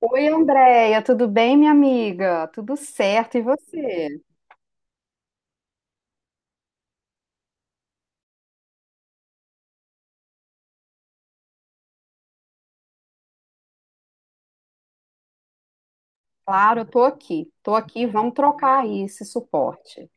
Oi, Andréia, tudo bem, minha amiga? Tudo certo, e você? Claro, eu tô aqui, vamos trocar aí esse suporte.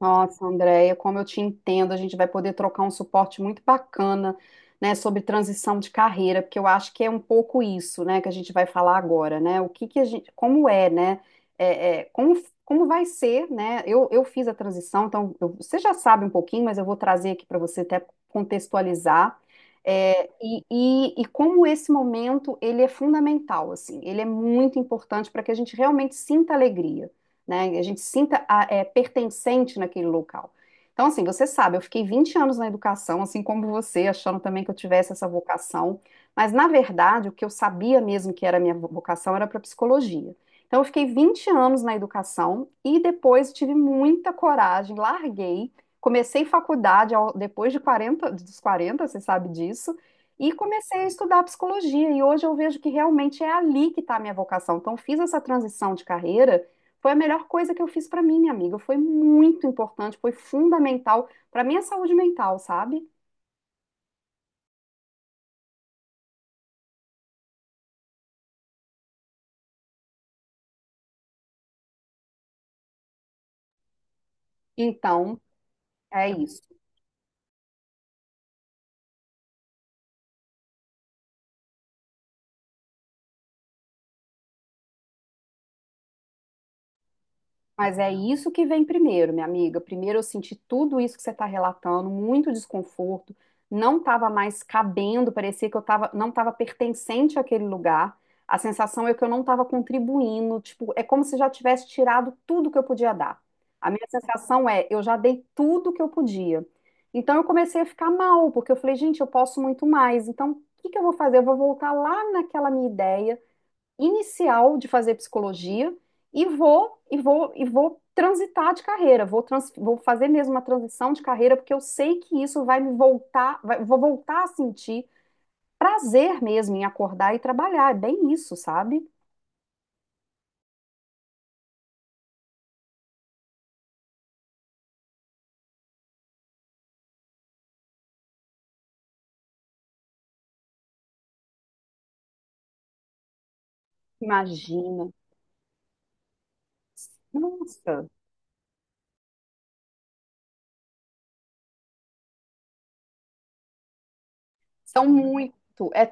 Nossa, Andréia, como eu te entendo, a gente vai poder trocar um suporte muito bacana, né, sobre transição de carreira, porque eu acho que é um pouco isso, né, que a gente vai falar agora, né, o que que a gente, como é, né, como, como vai ser, né, eu fiz a transição, então você já sabe um pouquinho, mas eu vou trazer aqui para você até contextualizar, e como esse momento, ele é fundamental, assim, ele é muito importante para que a gente realmente sinta alegria, né? A gente se sinta pertencente naquele local. Então, assim, você sabe, eu fiquei 20 anos na educação, assim como você, achando também que eu tivesse essa vocação, mas na verdade o que eu sabia mesmo que era a minha vocação era para psicologia. Então, eu fiquei 20 anos na educação e depois tive muita coragem, larguei, comecei faculdade depois de 40, dos 40, você sabe disso, e comecei a estudar psicologia. E hoje eu vejo que realmente é ali que está a minha vocação. Então, eu fiz essa transição de carreira, foi a melhor coisa que eu fiz pra mim, minha amiga. Foi muito importante, foi fundamental pra minha saúde mental, sabe? Então, é isso. Mas é isso que vem primeiro, minha amiga. Primeiro eu senti tudo isso que você está relatando, muito desconforto, não estava mais cabendo, parecia que eu tava, não estava pertencente àquele lugar. A sensação é que eu não estava contribuindo, tipo, é como se já tivesse tirado tudo que eu podia dar. A minha sensação é, eu já dei tudo que eu podia. Então eu comecei a ficar mal, porque eu falei, gente, eu posso muito mais. Então, o que que eu vou fazer? Eu vou voltar lá naquela minha ideia inicial de fazer psicologia e vou transitar de carreira, vou fazer mesmo uma transição de carreira porque eu sei que isso vai me voltar, vou voltar a sentir prazer mesmo em acordar e trabalhar, é bem isso, sabe? Imagina. Nossa, são muito, é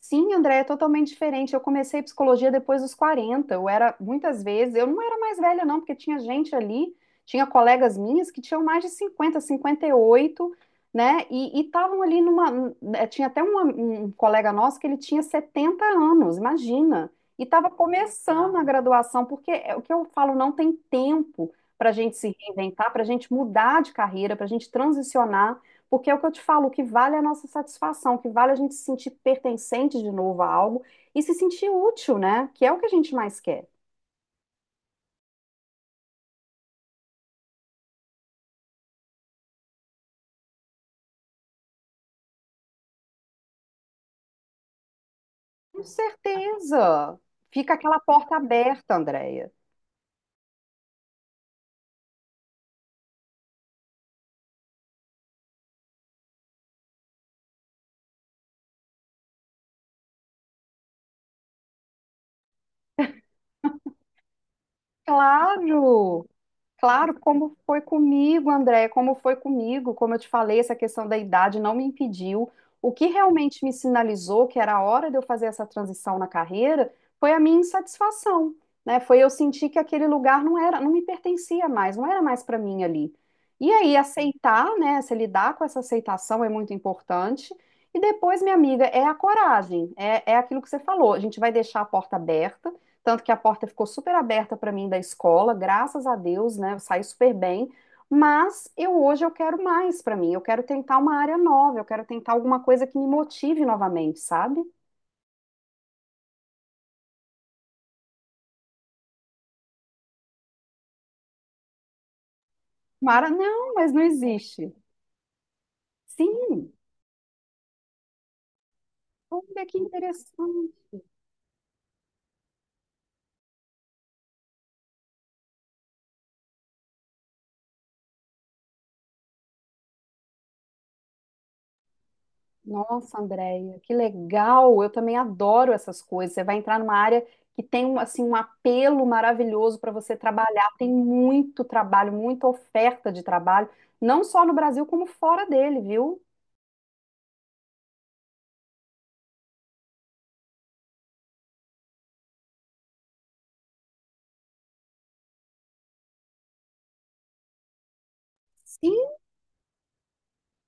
Sim, André, é totalmente diferente. Eu comecei psicologia depois dos 40. Eu era, muitas vezes, eu não era mais velha, não, porque tinha gente ali, tinha colegas minhas que tinham mais de 50, 58, né? E estavam ali numa. Tinha até um colega nosso que ele tinha 70 anos, imagina. E estava começando a graduação, porque é o que eu falo, não tem tempo para a gente se reinventar, para a gente mudar de carreira, para a gente transicionar. Porque é o que eu te falo, o que vale é a nossa satisfação, o que vale é a gente se sentir pertencente de novo a algo e se sentir útil, né? Que é o que a gente mais quer. Com certeza. Fica aquela porta aberta, Andréia. Claro. Claro, como foi comigo, André, como foi comigo, como eu te falei, essa questão da idade não me impediu. O que realmente me sinalizou que era a hora de eu fazer essa transição na carreira foi a minha insatisfação, né? Foi eu sentir que aquele lugar não era, não me pertencia mais, não era mais para mim ali. E aí aceitar, né? Se lidar com essa aceitação é muito importante. E depois, minha amiga, é a coragem, é aquilo que você falou. A gente vai deixar a porta aberta, tanto que a porta ficou super aberta para mim da escola, graças a Deus, né? Eu saí super bem, mas eu hoje eu quero mais para mim. Eu quero tentar uma área nova, eu quero tentar alguma coisa que me motive novamente, sabe? Mara, não, mas não existe. Sim, olha que interessante. Nossa, Andréia, que legal! Eu também adoro essas coisas. Você vai entrar numa área que tem um, assim, um apelo maravilhoso para você trabalhar. Tem muito trabalho, muita oferta de trabalho, não só no Brasil, como fora dele, viu? Sim,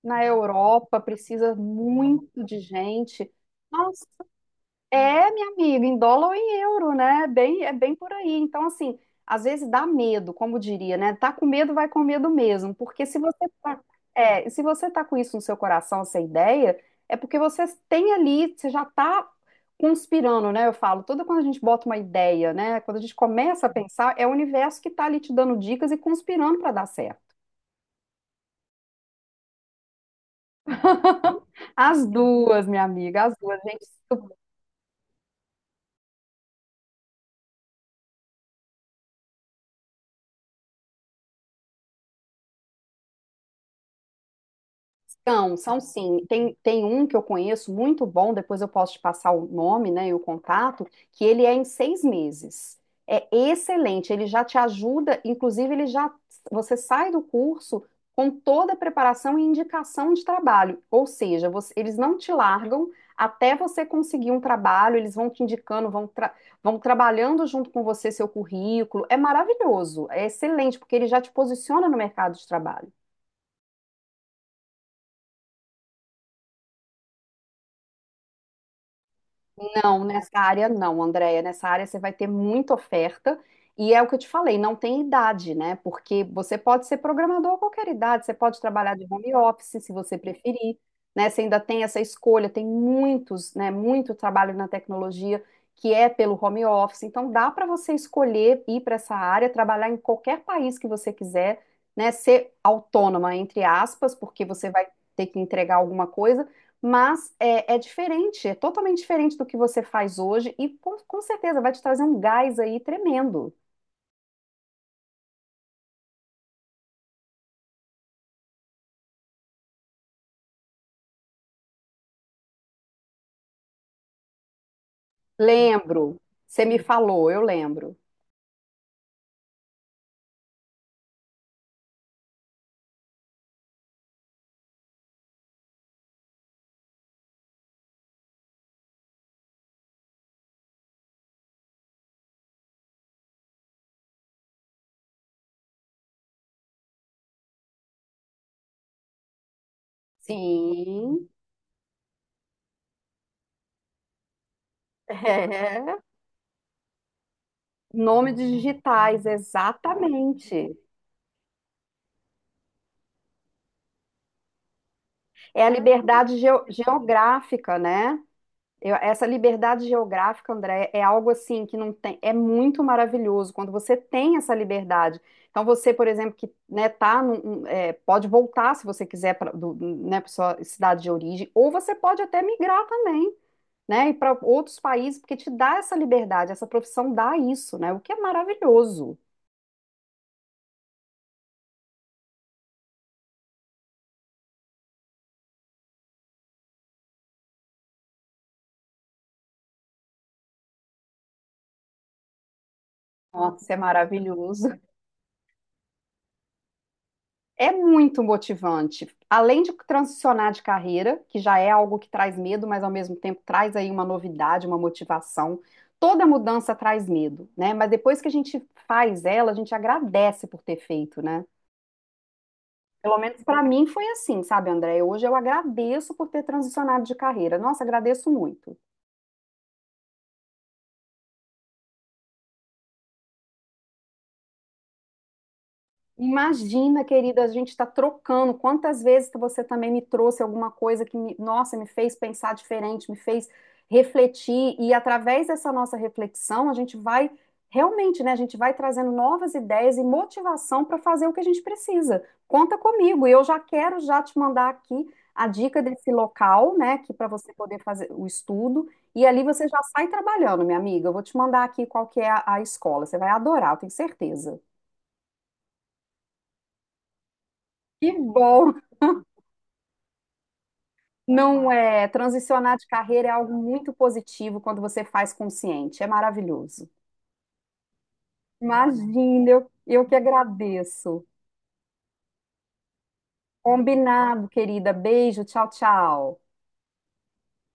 na Europa, precisa muito de gente. Nossa. É, minha amiga, em dólar ou em euro, né? É bem, é bem por aí. Então, assim, às vezes dá medo, como diria, né? Tá com medo, vai com medo mesmo. Porque se você tá, se você tá com isso no seu coração, essa ideia, é porque você tem ali, você já tá conspirando, né? Eu falo, toda quando a gente bota uma ideia, né? Quando a gente começa a pensar, é o universo que tá ali te dando dicas e conspirando para dar certo. As duas, minha amiga, as duas, gente. São, são sim. Tem, tem um que eu conheço muito bom, depois eu posso te passar o nome, né, e o contato, que ele é em 6 meses. É excelente, ele já te ajuda, você sai do curso com toda a preparação e indicação de trabalho, ou seja, eles não te largam até você conseguir um trabalho, eles vão te indicando, vão trabalhando junto com você seu currículo. É maravilhoso, é excelente, porque ele já te posiciona no mercado de trabalho. Não, nessa área não, Andréia. Nessa área você vai ter muita oferta. E é o que eu te falei, não tem idade, né? Porque você pode ser programador a qualquer idade, você pode trabalhar de home office, se você preferir, né? Você ainda tem essa escolha, tem muitos, né? Muito trabalho na tecnologia que é pelo home office. Então dá para você escolher ir para essa área, trabalhar em qualquer país que você quiser, né? Ser autônoma, entre aspas, porque você vai ter que entregar alguma coisa, mas é, é diferente, é totalmente diferente do que você faz hoje e com certeza vai te trazer um gás aí tremendo. Lembro, você me falou, eu lembro. Sim. É. Nomes digitais, exatamente. É a liberdade geográfica, né? Essa liberdade geográfica, André, é algo assim que não tem, é muito maravilhoso quando você tem essa liberdade. Então você, por exemplo, que né, tá um, é, pode voltar se você quiser para né, pra sua cidade de origem, ou você pode até migrar também, né, e para outros países, porque te dá essa liberdade, essa profissão dá isso, né? O que é maravilhoso. Nossa, é maravilhoso. É muito motivante. Além de transicionar de carreira, que já é algo que traz medo, mas ao mesmo tempo traz aí uma novidade, uma motivação. Toda mudança traz medo, né? Mas depois que a gente faz ela, a gente agradece por ter feito, né? Pelo menos para mim foi assim, sabe, André? Hoje eu agradeço por ter transicionado de carreira. Nossa, agradeço muito. Imagina, querida, a gente está trocando. Quantas vezes que você também me trouxe alguma coisa que me, nossa, me fez pensar diferente, me fez refletir, e através dessa nossa reflexão, a gente vai realmente, né? A gente vai trazendo novas ideias e motivação para fazer o que a gente precisa. Conta comigo, e eu já quero já te mandar aqui a dica desse local, né? Que para você poder fazer o estudo, e ali você já sai trabalhando, minha amiga. Eu vou te mandar aqui qual que é a escola. Você vai adorar, eu tenho certeza. Que bom! Não é. Transicionar de carreira é algo muito positivo quando você faz consciente. É maravilhoso. Imagina, eu que agradeço. Combinado, querida. Beijo, tchau, tchau.